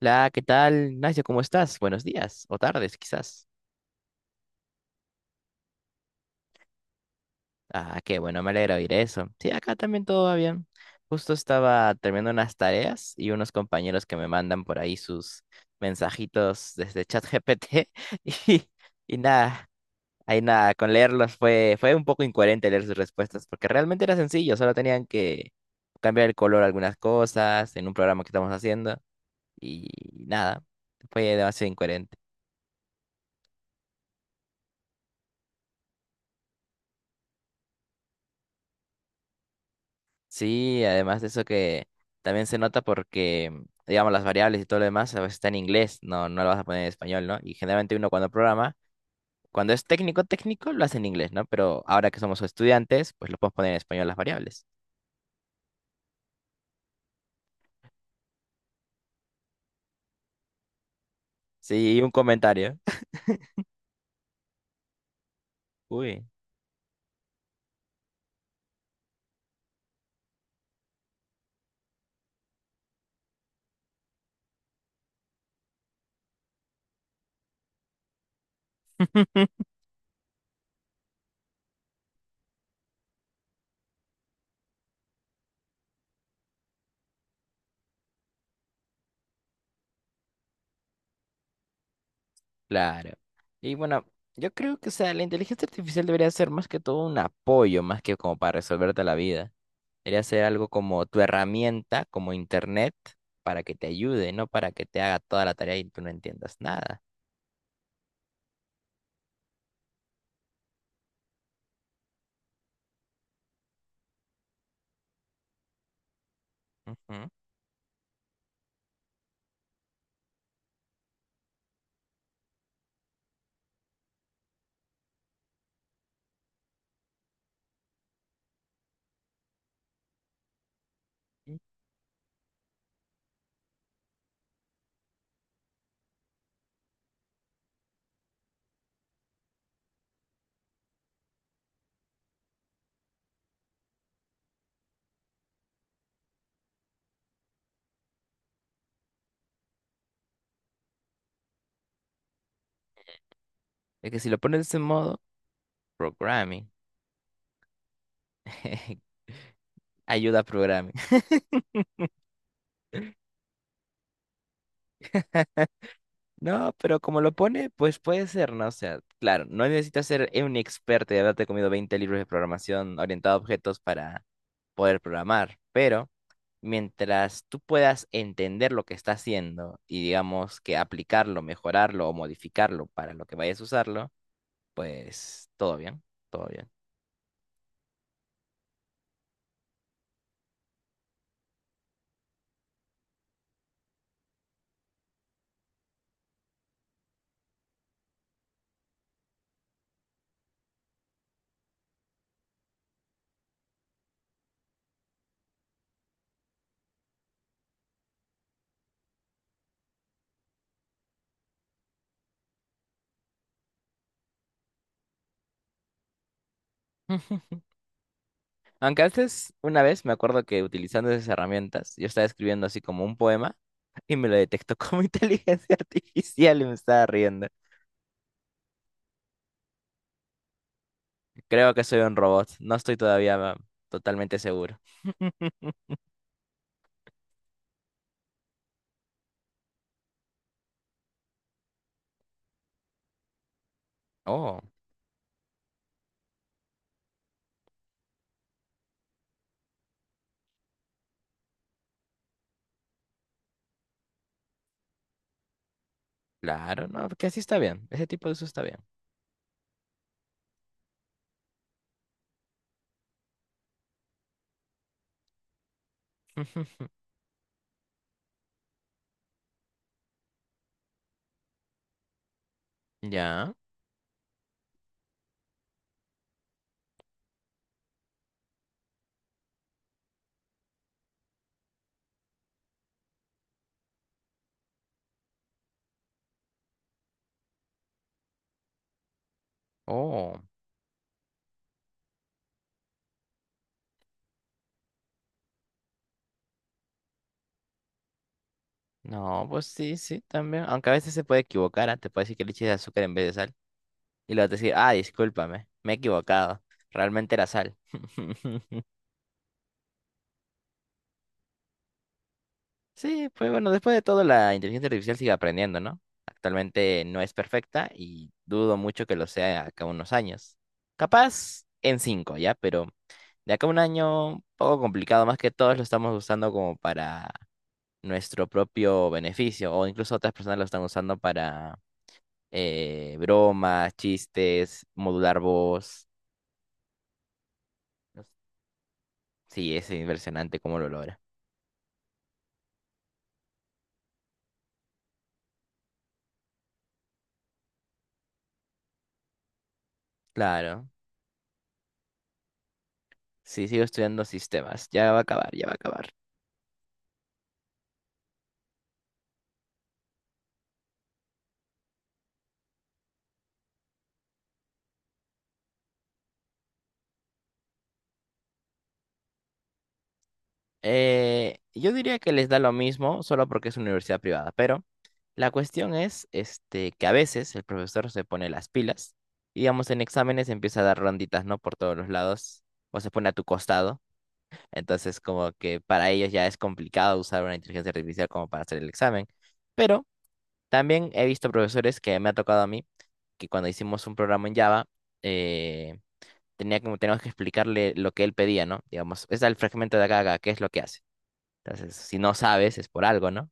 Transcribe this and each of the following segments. Hola, ¿qué tal, Ignacio? ¿Cómo estás? Buenos días o tardes, quizás. Ah, qué bueno, me alegra oír eso. Sí, acá también todo va bien. Justo estaba terminando unas tareas y unos compañeros que me mandan por ahí sus mensajitos desde ChatGPT y, y nada, ahí nada, con leerlos fue un poco incoherente leer sus respuestas porque realmente era sencillo, solo tenían que cambiar el color a algunas cosas en un programa que estamos haciendo y nada, fue demasiado incoherente. Sí, además de eso que también se nota porque, digamos, las variables y todo lo demás a veces está en inglés, no, no lo vas a poner en español, ¿no? Y generalmente uno cuando programa, cuando es técnico, técnico, lo hace en inglés, ¿no? Pero ahora que somos estudiantes, pues lo podemos poner en español las variables. Sí, y un comentario. Uy, claro. Y bueno, yo creo que, o sea, la inteligencia artificial debería ser más que todo un apoyo, más que como para resolverte la vida. Debería ser algo como tu herramienta, como internet, para que te ayude, no para que te haga toda la tarea y tú no entiendas nada. Ujú. Es que si lo pones de ese modo, programming, ayuda a programming. No, pero como lo pone, pues puede ser, ¿no? O sea, claro, no necesitas ser un experto y haberte comido 20 libros de programación orientado a objetos para poder programar, pero mientras tú puedas entender lo que está haciendo y digamos que aplicarlo, mejorarlo o modificarlo para lo que vayas a usarlo, pues todo bien, todo bien. Aunque antes, una vez, me acuerdo que utilizando esas herramientas, yo estaba escribiendo así como un poema y me lo detectó como inteligencia artificial y me estaba riendo. Creo que soy un robot. No estoy todavía totalmente seguro. Oh, claro, no, que así está bien. Ese tipo de uso está bien. Ya. Oh, no, pues sí, sí, también. Aunque a veces se puede equivocar, ¿ah? Te puede decir que le eches azúcar en vez de sal. Y luego te decir, ah, discúlpame, me he equivocado. Realmente era sal. Sí, pues bueno, después de todo, la inteligencia artificial sigue aprendiendo, ¿no? Actualmente no es perfecta y dudo mucho que lo sea acá unos años. Capaz en cinco, ¿ya? Pero de acá a un año, un poco complicado, más que todos lo estamos usando como para nuestro propio beneficio, o incluso otras personas lo están usando para bromas, chistes, modular voz. Sí, es impresionante cómo lo logra. Claro, sí, sigo estudiando sistemas, ya va a acabar, ya va a acabar. Yo diría que les da lo mismo solo porque es una universidad privada, pero la cuestión es este, que a veces el profesor se pone las pilas y, digamos, en exámenes empieza a dar ronditas, ¿no? Por todos los lados o se pone a tu costado. Entonces, como que para ellos ya es complicado usar una inteligencia artificial como para hacer el examen. Pero también he visto profesores que me ha tocado a mí que cuando hicimos un programa en Java, eh, tenía como, teníamos que explicarle lo que él pedía, ¿no? Digamos, es el fragmento de acá, a acá, ¿qué es lo que hace? Entonces, si no sabes, es por algo, ¿no?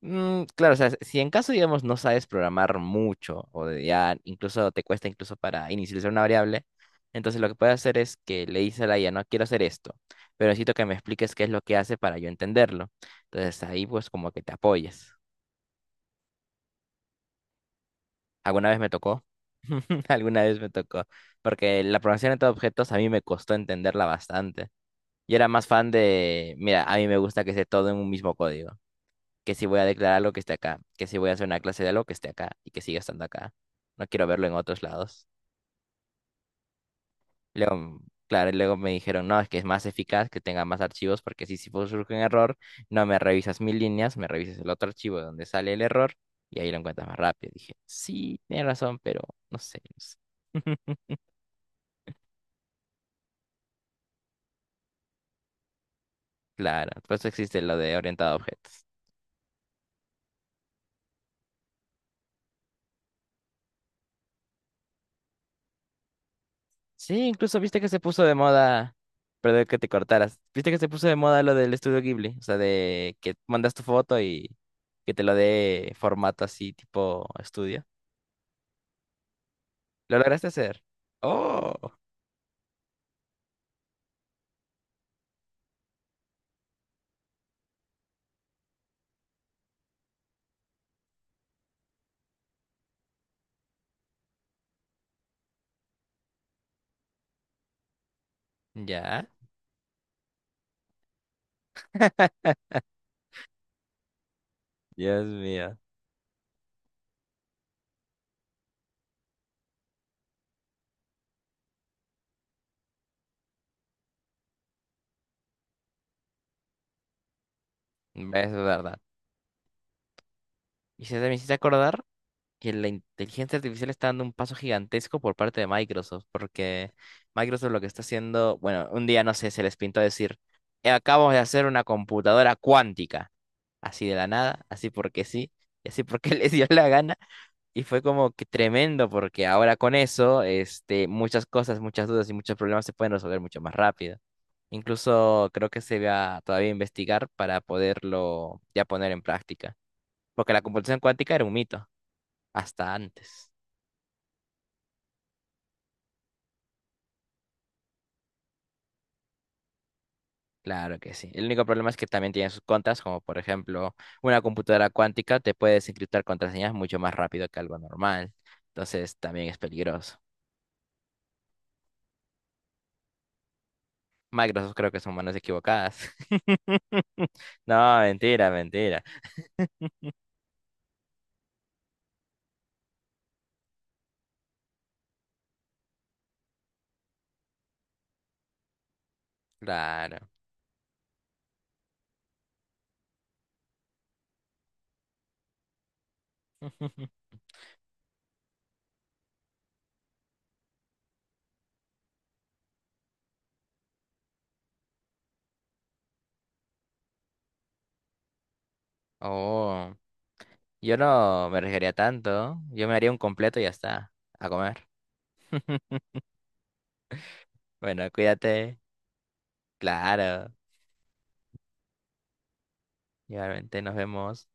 Claro, o sea, si en caso, digamos, no sabes programar mucho o de ya incluso te cuesta incluso para inicializar una variable, entonces lo que puedes hacer es que le dices a la IA, no quiero hacer esto, pero necesito que me expliques qué es lo que hace para yo entenderlo. Entonces ahí pues como que te apoyes. ¿Alguna vez me tocó? Alguna vez me tocó, porque la programación de objetos a mí me costó entenderla bastante. Yo era más fan de, mira, a mí me gusta que esté todo en un mismo código, que si voy a declarar lo que esté acá, que si voy a hacer una clase de algo que esté acá y que siga estando acá. No quiero verlo en otros lados. Luego, claro, y luego me dijeron, no, es que es más eficaz que tenga más archivos porque si surge un error, no me revisas mil líneas, me revisas el otro archivo donde sale el error y ahí lo encuentras más rápido. Dije, sí, tienes razón, pero no sé, no sé. Claro, por eso existe lo de orientado a objetos. Sí, incluso viste que se puso de moda, perdón que te cortaras, viste que se puso de moda lo del estudio Ghibli, o sea, de que mandas tu foto y que te lo dé formato así tipo estudio. ¿Lo lograste hacer? Oh, ya. Dios mío, es verdad. Y se me hiciste acordar que la inteligencia artificial está dando un paso gigantesco por parte de Microsoft, porque Microsoft lo que está haciendo, bueno, un día no sé, se les pintó decir: Acabamos de hacer una computadora cuántica, así de la nada, así porque sí", y así porque les dio la gana, y fue como que tremendo, porque ahora con eso, este, muchas cosas, muchas dudas y muchos problemas se pueden resolver mucho más rápido. Incluso creo que se va todavía a investigar para poderlo ya poner en práctica, porque la computación cuántica era un mito hasta antes. Claro que sí. El único problema es que también tiene sus contras, como por ejemplo, una computadora cuántica te puede desencriptar contraseñas mucho más rápido que algo normal. Entonces también es peligroso. Microsoft creo que son manos equivocadas. No, mentira, mentira. Claro. Oh, yo no me arriesgaría tanto. Yo me haría un completo y ya está. A comer. Bueno, cuídate. Claro. Igualmente nos vemos.